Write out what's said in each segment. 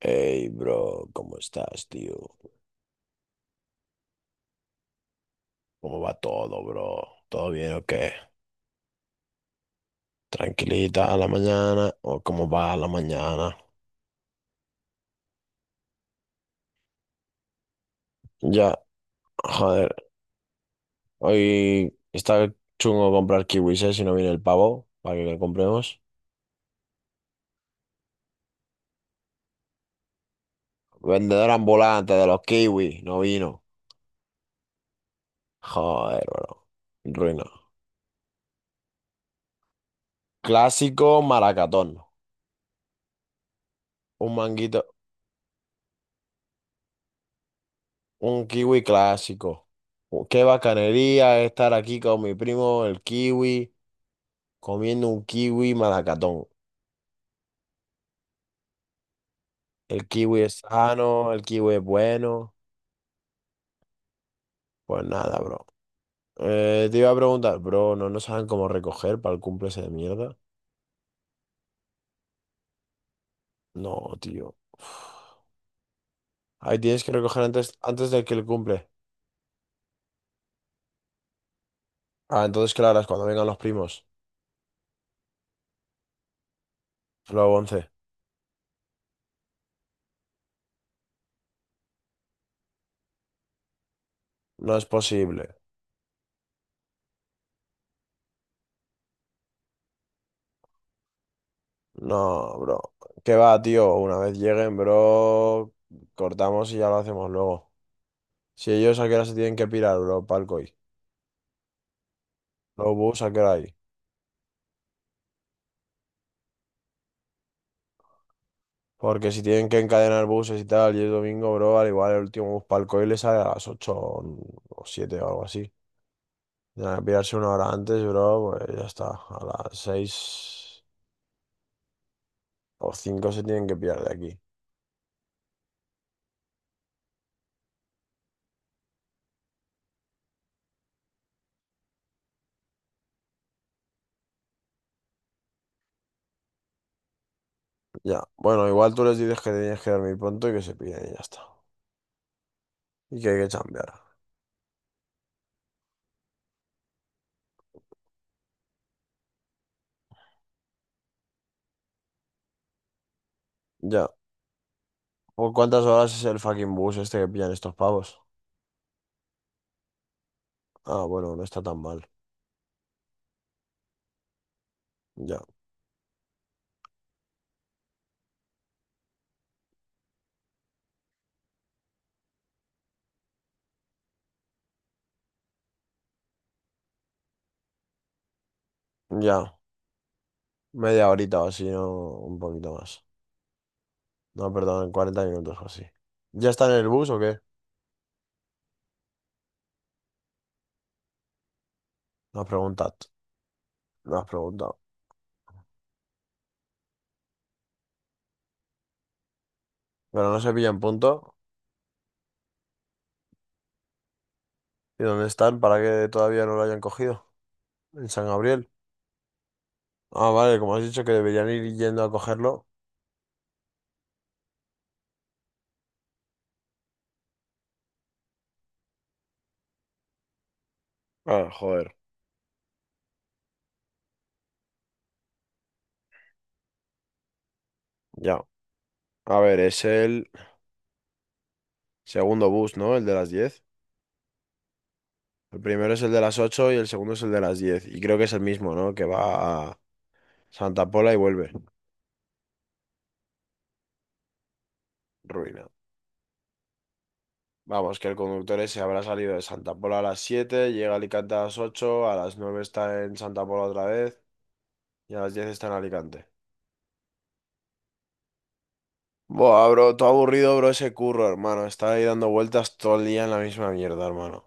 Hey, bro, ¿cómo estás, tío? ¿Cómo va todo, bro? ¿Todo bien o qué? ¿Tranquilita a la mañana o cómo va a la mañana? Ya, joder, hoy está chungo comprar kiwis, ¿eh? Si no viene el pavo, para que le compremos. Vendedor ambulante de los kiwis, no vino. Joder, bro, ruina. Clásico maracatón, un manguito, un kiwi clásico. Qué bacanería estar aquí con mi primo, el kiwi. Comiendo un kiwi malacatón. El kiwi es sano, el kiwi es bueno. Pues nada, bro. Te iba a preguntar, bro, ¿no saben cómo recoger para el cumple ese de mierda? No, tío. Uf. Ahí tienes que recoger antes de que el cumple. Ah, entonces, claro, es cuando vengan los primos. Luego 11. No es posible. No, bro. ¿Qué va, tío? Una vez lleguen, bro, cortamos y ya lo hacemos luego. Si ellos a qué hora se tienen que pirar, bro, palco hoy. Los bus a qué hora hay. Porque si tienen que encadenar buses y tal, y es domingo, bro, al igual el último bus para el COI le sale a las 8 o 7 o algo así. Tienen que pillarse una hora antes, bro, pues ya está. A las 6 o 5 se tienen que pillar de aquí. Ya. Bueno, igual tú les dices que tienes que dormir pronto y que se pillen y ya está. Y que hay que chambear. Ya. ¿Por cuántas horas es el fucking bus este que pillan estos pavos? Ah, bueno, no está tan mal. Ya. Ya. Media horita o así, ¿no? Un poquito más. No, perdón, 40 minutos o así. ¿Ya está en el bus o qué? No has preguntado, no has preguntado. Pero no se pillan puntos. ¿Y dónde están para que todavía no lo hayan cogido? En San Gabriel. Ah, vale, como has dicho que deberían ir yendo a cogerlo. Ah, joder, ya. A ver, es el segundo bus, ¿no? El de las 10. El primero es el de las 8 y el segundo es el de las 10. Y creo que es el mismo, ¿no? Que va a Santa Pola y vuelve. Ruina. Vamos, que el conductor ese habrá salido de Santa Pola a las 7, llega a Alicante a las 8, a las 9 está en Santa Pola otra vez y a las 10 está en Alicante. Buah, bro, todo aburrido, bro, ese curro, hermano. Estaba ahí dando vueltas todo el día en la misma mierda, hermano.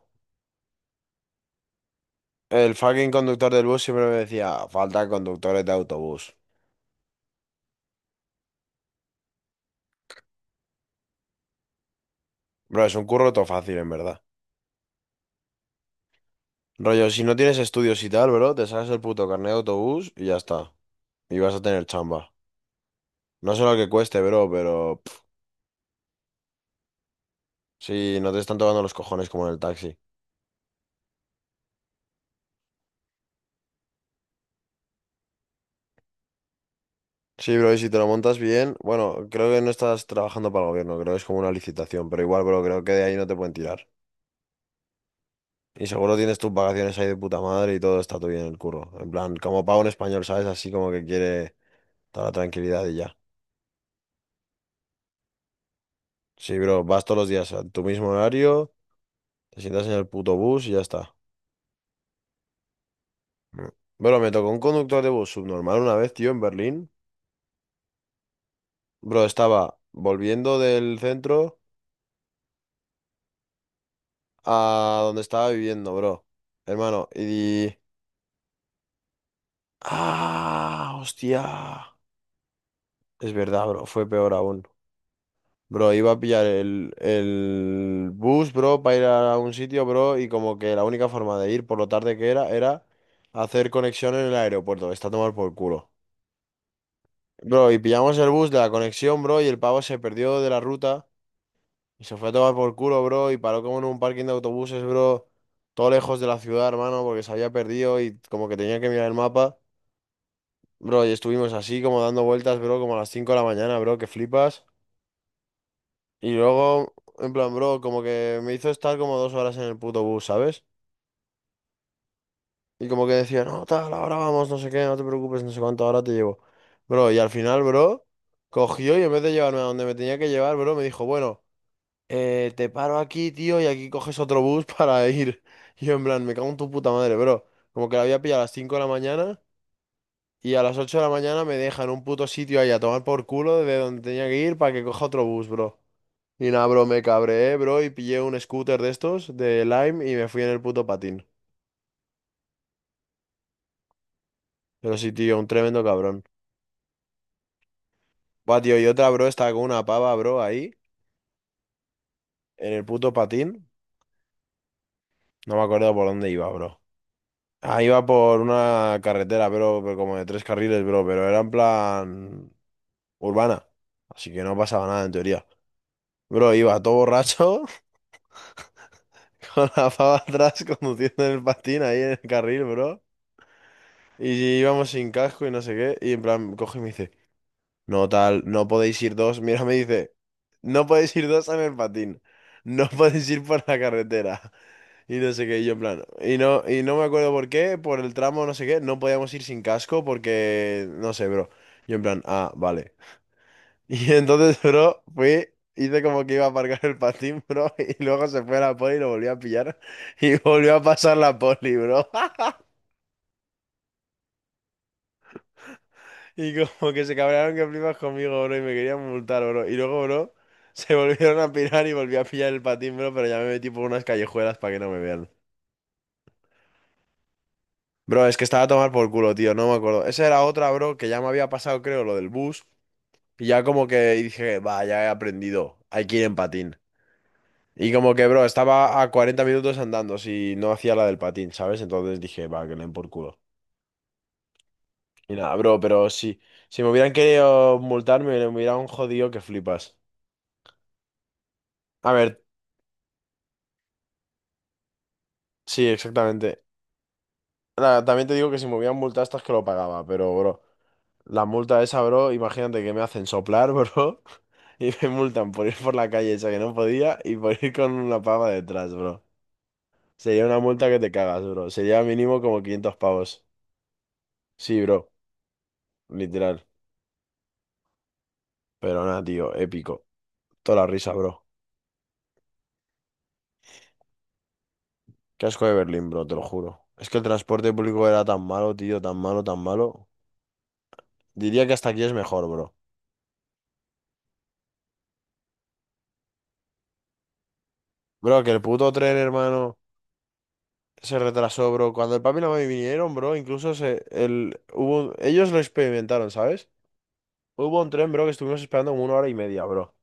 El fucking conductor del bus siempre me decía, falta conductores de autobús. Bro, es un curro todo fácil, en verdad. Rollo, si no tienes estudios y tal, bro, te sacas el puto carnet de autobús y ya está. Y vas a tener chamba. No sé lo que cueste, bro, pero... pff, sí, no te están tocando los cojones como en el taxi. Sí, bro, y si te lo montas bien... Bueno, creo que no estás trabajando para el gobierno, creo que es como una licitación, pero igual, bro, creo que de ahí no te pueden tirar. Y seguro tienes tus vacaciones ahí de puta madre y todo está todo bien en el curro. En plan, como pago en español, ¿sabes? Así como que quiere toda la tranquilidad y ya. Sí, bro, vas todos los días a tu mismo horario, te sientas en el puto bus y ya está. Mm. Bro, me tocó un conductor de bus subnormal una vez, tío, en Berlín. Bro, estaba volviendo del centro a donde estaba viviendo, bro. Hermano, y... ¡Ah! ¡Hostia! Es verdad, bro, fue peor aún. Bro, iba a pillar el bus, bro, para ir a un sitio, bro, y como que la única forma de ir por lo tarde que era hacer conexión en el aeropuerto. Está a tomar por culo. Bro, y pillamos el bus de la conexión, bro, y el pavo se perdió de la ruta y se fue a tomar por culo, bro, y paró como en un parking de autobuses, bro, todo lejos de la ciudad, hermano, porque se había perdido y como que tenía que mirar el mapa. Bro, y estuvimos así como dando vueltas, bro, como a las 5 de la mañana, bro, que flipas. Y luego, en plan, bro, como que me hizo estar como 2 horas en el puto bus, ¿sabes? Y como que decía, no, tal, ahora vamos, no sé qué, no te preocupes, no sé cuánto, ahora te llevo. Bro, y al final, bro, cogió y en vez de llevarme a donde me tenía que llevar, bro, me dijo, bueno, te paro aquí, tío, y aquí coges otro bus para ir. Y yo, en plan, me cago en tu puta madre, bro. Como que la había pillado a las 5 de la mañana y a las 8 de la mañana me deja en un puto sitio ahí a tomar por culo de donde tenía que ir para que coja otro bus, bro. Y nada, bro, me cabré, bro, y pillé un scooter de estos, de Lime, y me fui en el puto patín. Pero sí, tío, un tremendo cabrón. Buah, tío, y otra, bro, estaba con una pava, bro, ahí, en el puto patín. No me acuerdo por dónde iba, bro. Ah, iba por una carretera, bro, pero como de 3 carriles, bro, pero era en plan urbana. Así que no pasaba nada, en teoría. Bro, iba todo borracho, con la pava atrás, conduciendo en el patín ahí en el carril, bro. Y íbamos sin casco y no sé qué. Y en plan, coge y me dice. No tal, no podéis ir dos. Mira, me dice, no podéis ir dos en el patín. No podéis ir por la carretera. Y no sé qué, y yo en plan. Y no me acuerdo por qué, por el tramo, no sé qué, no podíamos ir sin casco porque, no sé, bro. Yo en plan, ah, vale. Y entonces, bro, fui, hice como que iba a aparcar el patín, bro. Y luego se fue a la poli y lo volvió a pillar. Y volvió a pasar la poli, bro. Y como que se cabrearon que flipas conmigo, bro, y me querían multar, bro. Y luego, bro, se volvieron a pirar y volví a pillar el patín, bro, pero ya me metí por unas callejuelas para que no me vean. Bro, es que estaba a tomar por culo, tío, no me acuerdo. Esa era otra, bro, que ya me había pasado, creo, lo del bus. Y ya como que dije, va, ya he aprendido, hay que ir en patín. Y como que, bro, estaba a 40 minutos andando si no hacía la del patín, ¿sabes? Entonces dije, va, que le den por culo. Y nada, bro, pero sí, si me hubieran querido multarme, me hubieran jodido que flipas. A ver, sí, exactamente. Nada, también te digo que si me hubieran multado estas que lo pagaba, pero bro, la multa esa, bro, imagínate que me hacen soplar, bro, y me multan por ir por la calle esa que no podía y por ir con una pava detrás, bro. Sería una multa que te cagas, bro. Sería mínimo como 500 pavos. Sí, bro, literal. Pero nada, tío, épico. Toda la risa, bro. Qué asco de Berlín, bro, te lo juro. Es que el transporte público era tan malo, tío, tan malo, tan malo. Diría que hasta aquí es mejor, bro. Bro, que el puto tren, hermano. Se retrasó, bro. Cuando el papi y la mami vinieron, bro, incluso se, el, hubo un- ellos lo experimentaron, ¿sabes? Hubo un tren, bro, que estuvimos esperando como una hora y media, bro,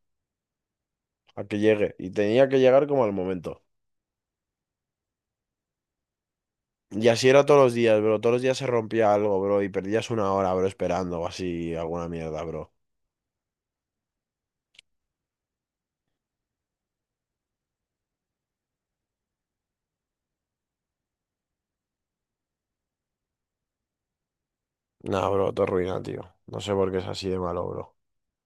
a que llegue. Y tenía que llegar como al momento. Y así era todos los días, bro. Todos los días se rompía algo, bro, y perdías una hora, bro, esperando o así, alguna mierda, bro. Nah, bro, todo ruina, tío. No sé por qué es así de malo, bro.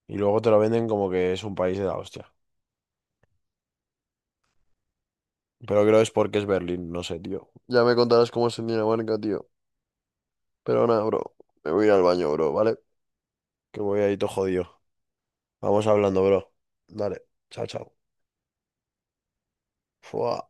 Y luego te lo venden como que es un país de la hostia. Pero creo es porque es Berlín, no sé, tío. Ya me contarás cómo es en Dinamarca, tío. Pero nada, bro. Me voy a ir al baño, bro, ¿vale? Que me voy ahí todo jodido. Vamos hablando, bro. Dale. Chao, chao. Fua.